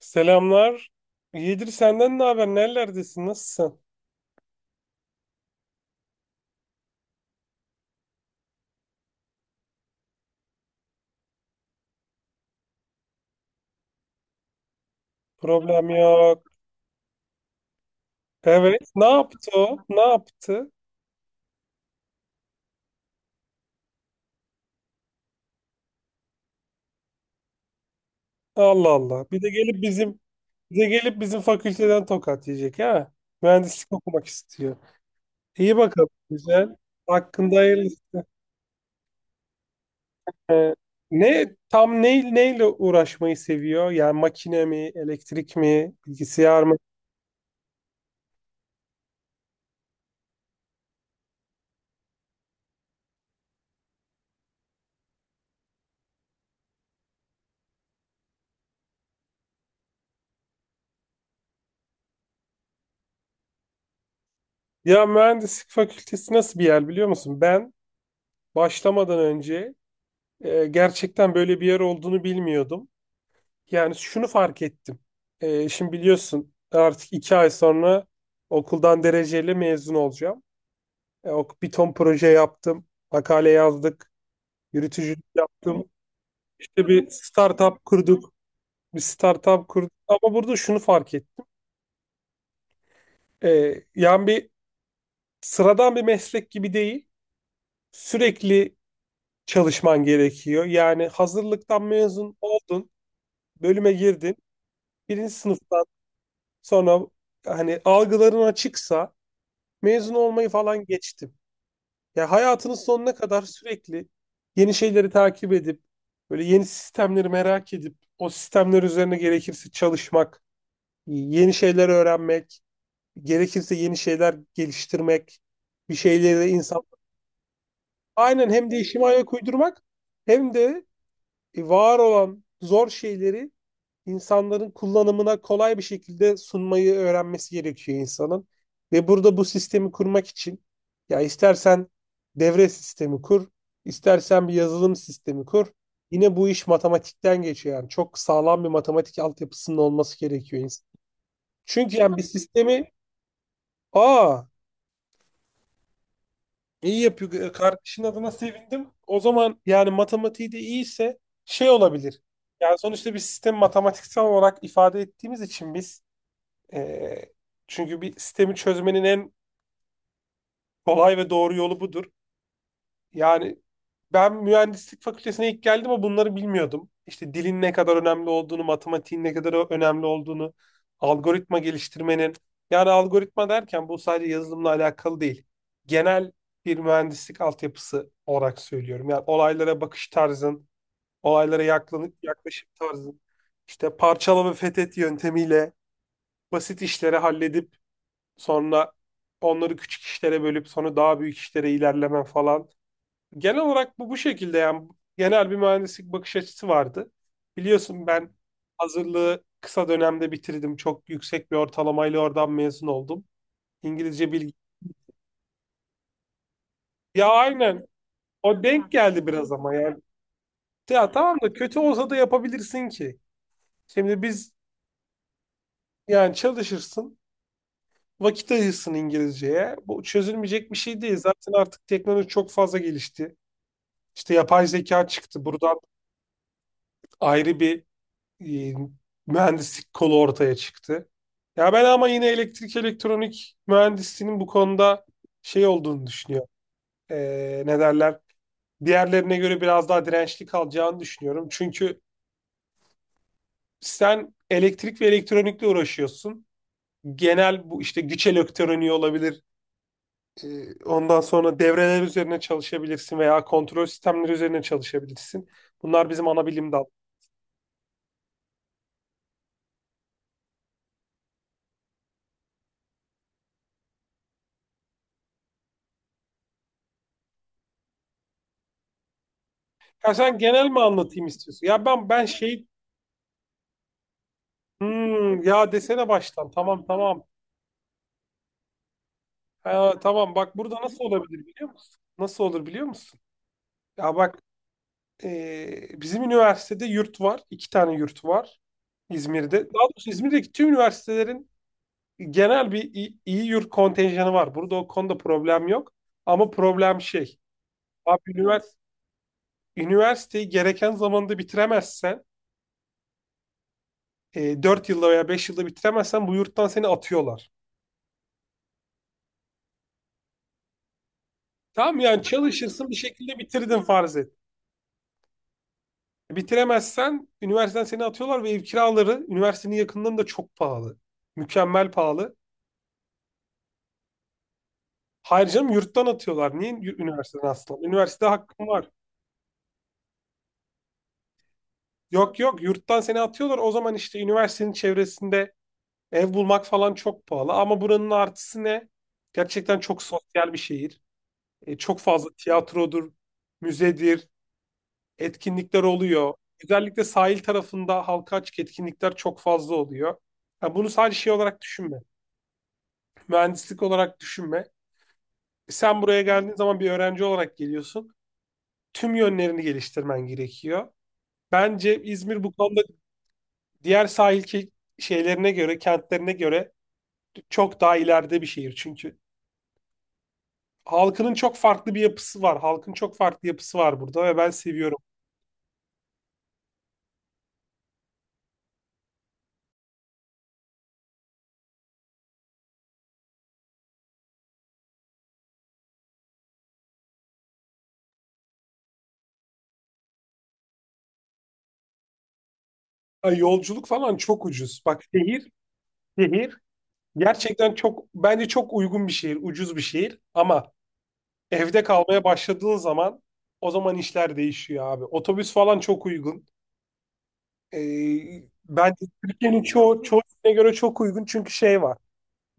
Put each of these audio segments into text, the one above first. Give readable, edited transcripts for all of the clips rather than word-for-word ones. Selamlar. Yedir senden ne haber? Nerelerdesin? Nasılsın? Problem yok. Evet. Ne yaptı o? Ne yaptı? Allah Allah. Bir de gelip bizim fakülteden tokat yiyecek ha. Mühendislik okumak istiyor. İyi bakalım. Güzel. Hakkında hayırlısı. Ee, Ne tam ne neyle uğraşmayı seviyor? Yani makine mi, elektrik mi, bilgisayar mı? Ya mühendislik fakültesi nasıl bir yer biliyor musun? Ben başlamadan önce, gerçekten böyle bir yer olduğunu bilmiyordum. Yani şunu fark ettim. Şimdi biliyorsun, artık iki ay sonra okuldan dereceyle mezun olacağım. Bir ton proje yaptım, makale yazdık, yürütücülük yaptım. İşte bir startup kurduk. Ama burada şunu fark ettim. Yani sıradan bir meslek gibi değil, sürekli çalışman gerekiyor. Yani hazırlıktan mezun oldun, bölüme girdin, birinci sınıftan sonra, hani algıların açıksa, mezun olmayı falan geçtim. Ya hayatının sonuna kadar sürekli yeni şeyleri takip edip, böyle yeni sistemleri merak edip o sistemler üzerine gerekirse çalışmak, yeni şeyler öğrenmek, gerekirse yeni şeyler geliştirmek, bir şeyleri insan. Aynen, hem değişime ayak uydurmak hem de var olan zor şeyleri insanların kullanımına kolay bir şekilde sunmayı öğrenmesi gerekiyor insanın. Ve burada bu sistemi kurmak için ya istersen devre sistemi kur, istersen bir yazılım sistemi kur. Yine bu iş matematikten geçiyor yani. Çok sağlam bir matematik altyapısının olması gerekiyor insan. Çünkü yani bir sistemi. Aa, iyi yapıyor. Kardeşin adına sevindim. O zaman yani matematiği de iyiyse şey olabilir. Yani sonuçta bir sistemi matematiksel olarak ifade ettiğimiz için biz. Ee, Çünkü bir sistemi çözmenin en kolay ve doğru yolu budur. Yani ben mühendislik fakültesine ilk geldim ama bunları bilmiyordum. İşte dilin ne kadar önemli olduğunu, matematiğin ne kadar önemli olduğunu, algoritma geliştirmenin. Yani algoritma derken bu sadece yazılımla alakalı değil. Genel bir mühendislik altyapısı olarak söylüyorum. Yani olaylara bakış tarzın, olaylara yaklaşım tarzın, işte parçala ve fethet yöntemiyle basit işleri halledip sonra onları küçük işlere bölüp sonra daha büyük işlere ilerlemen falan. Genel olarak bu şekilde yani, genel bir mühendislik bakış açısı vardı. Biliyorsun ben hazırlığı kısa dönemde bitirdim. Çok yüksek bir ortalamayla oradan mezun oldum. İngilizce bilgi. Ya aynen, o denk geldi biraz ama yani. Ya tamam da, kötü olsa da yapabilirsin ki. Şimdi biz, yani çalışırsın, vakit ayırsın İngilizceye. Bu çözülmeyecek bir şey değil. Zaten artık teknoloji çok fazla gelişti. İşte yapay zeka çıktı. Buradan ayrı bir e, mühendislik kolu ortaya çıktı. Ya ben ama yine elektrik elektronik mühendisliğinin bu konuda şey olduğunu düşünüyorum. E, Ne derler? Diğerlerine göre biraz daha dirençli kalacağını düşünüyorum. Çünkü sen elektrik ve elektronikle uğraşıyorsun. Genel bu, işte güç elektroniği olabilir. Ondan sonra devreler üzerine çalışabilirsin veya kontrol sistemleri üzerine çalışabilirsin. Bunlar bizim ana bilim dal. Ya sen genel mi anlatayım istiyorsun? Ya ben şey. Ya desene baştan. Tamam, tamam. Ha, tamam, bak, burada nasıl olabilir biliyor musun? Nasıl olur biliyor musun? Ya bak, bizim üniversitede yurt var. İki tane yurt var İzmir'de. Daha doğrusu İzmir'deki tüm üniversitelerin genel bir iyi yurt kontenjanı var. Burada o konuda problem yok. Ama problem şey. Abi, üniversiteyi gereken zamanda bitiremezsen, 4 yılda veya 5 yılda bitiremezsen bu yurttan seni atıyorlar. Tamam, yani çalışırsın, bir şekilde bitirdin farz et. Bitiremezsen üniversiteden seni atıyorlar ve ev kiraları üniversitenin yakınlarında çok pahalı. Mükemmel pahalı. Hayır canım, yurttan atıyorlar. Niye üniversiteden aslında? Üniversitede hakkın var. Yok, yok, yurttan seni atıyorlar. O zaman işte üniversitenin çevresinde ev bulmak falan çok pahalı. Ama buranın artısı ne? Gerçekten çok sosyal bir şehir. Çok fazla tiyatrodur, müzedir, etkinlikler oluyor. Özellikle sahil tarafında halka açık etkinlikler çok fazla oluyor. Ha, bunu sadece şey olarak düşünme. Mühendislik olarak düşünme. Sen buraya geldiğin zaman bir öğrenci olarak geliyorsun. Tüm yönlerini geliştirmen gerekiyor. Bence İzmir bu konuda diğer sahil kentlerine göre çok daha ileride bir şehir çünkü. Halkının çok farklı bir yapısı var. Halkın çok farklı yapısı var burada ve ben seviyorum. Ay, yolculuk falan çok ucuz. Bak, şehir gerçekten bence çok uygun bir şehir, ucuz bir şehir, ama evde kalmaya başladığın zaman o zaman işler değişiyor abi. Otobüs falan çok uygun. Ee, Bence Türkiye'nin çoğu yerine göre çok uygun, çünkü şey var.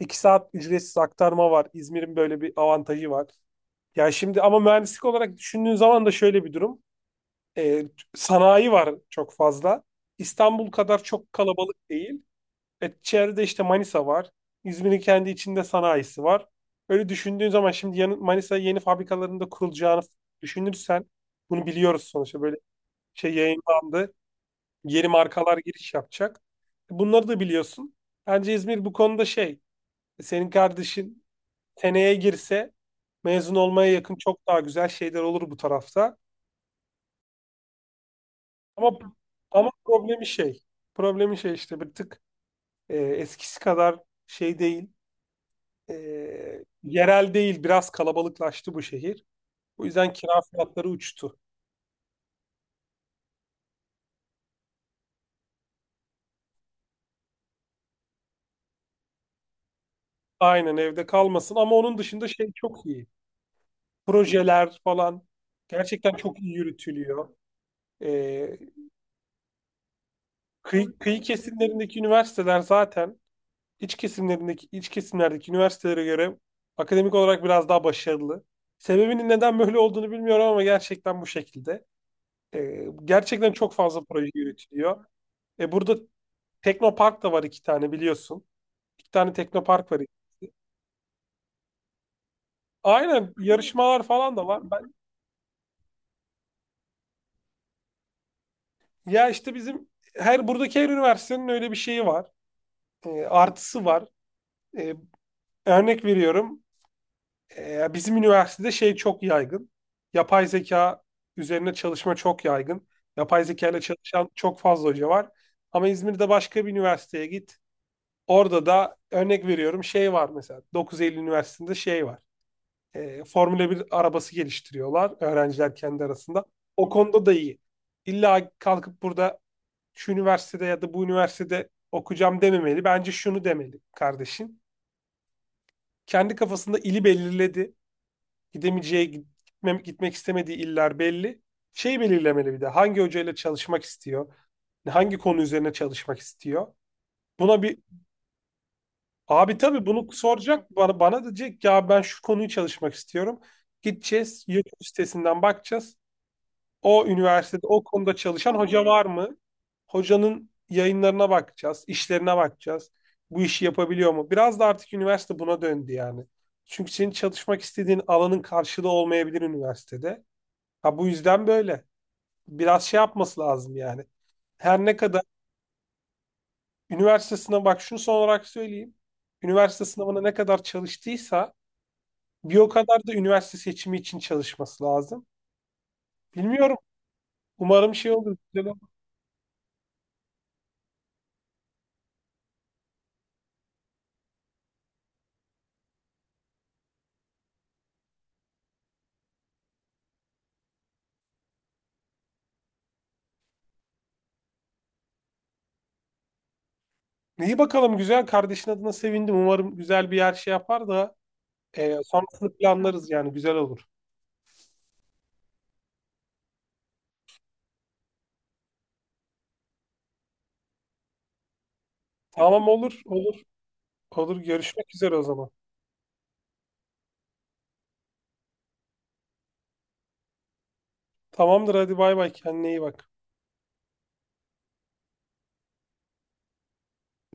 İki saat ücretsiz aktarma var. İzmir'in böyle bir avantajı var. Ya şimdi ama mühendislik olarak düşündüğün zaman da şöyle bir durum. Ee, Sanayi var çok fazla. İstanbul kadar çok kalabalık değil. Çevrede işte Manisa var. İzmir'in kendi içinde sanayisi var. Öyle düşündüğün zaman, şimdi yanı, Manisa yeni fabrikalarında kurulacağını düşünürsen, bunu biliyoruz sonuçta, böyle şey yayınlandı. Yeni markalar giriş yapacak. Bunları da biliyorsun. Bence İzmir bu konuda şey, senin kardeşin seneye girse mezun olmaya yakın çok daha güzel şeyler olur bu tarafta. Ama ama problemi şey işte bir tık eskisi kadar şey değil, e, yerel değil, biraz kalabalıklaştı bu şehir. O yüzden kira fiyatları uçtu. Aynen, evde kalmasın, ama onun dışında şey çok iyi. Projeler falan gerçekten çok iyi yürütülüyor. E, kıyı kesimlerindeki üniversiteler zaten iç kesimlerdeki üniversitelere göre akademik olarak biraz daha başarılı. Sebebinin neden böyle olduğunu bilmiyorum ama gerçekten bu şekilde. Gerçekten çok fazla proje yürütülüyor. Burada Teknopark da var, iki tane biliyorsun. İki tane Teknopark var. Aynen, yarışmalar falan da var. Ben, ya işte bizim buradaki her üniversitenin öyle bir şeyi var. Artısı var. E, Örnek veriyorum. Bizim üniversitede şey çok yaygın. Yapay zeka üzerine çalışma çok yaygın. Yapay zeka ile çalışan çok fazla hoca var. Ama İzmir'de başka bir üniversiteye git. Orada da örnek veriyorum, şey var mesela. 9 Eylül Üniversitesi'nde şey var. Formula 1 arabası geliştiriyorlar öğrenciler kendi arasında. O konuda da iyi. İlla kalkıp burada şu üniversitede ya da bu üniversitede okuyacağım dememeli. Bence şunu demeli kardeşim. Kendi kafasında ili belirledi, gidemeyeceği, gitmek istemediği iller belli. Şey belirlemeli, bir de hangi hocayla çalışmak istiyor, hangi konu üzerine çalışmak istiyor. Buna bir. Abi, tabii bunu soracak bana, bana diyecek "Ya ben şu konuyu çalışmak istiyorum. Gideceğiz YouTube sitesinden bakacağız. O üniversitede o konuda çalışan hoca var mı? Hocanın yayınlarına bakacağız, işlerine bakacağız. Bu işi yapabiliyor mu? Biraz da artık üniversite buna döndü yani. Çünkü senin çalışmak istediğin alanın karşılığı olmayabilir üniversitede. Ha, bu yüzden böyle. Biraz şey yapması lazım yani. Her ne kadar üniversite sınavı, bak şunu son olarak söyleyeyim. Üniversite sınavına ne kadar çalıştıysa bir o kadar da üniversite seçimi için çalışması lazım. Bilmiyorum. Umarım şey olur. Güzel olur. İyi bakalım, güzel. Kardeşin adına sevindim. Umarım güzel bir yer şey yapar da sonrasını planlarız yani, güzel olur. Tamam, olur, olur, olur. Görüşmek üzere o zaman. Tamamdır, hadi bay bay, kendine iyi bak.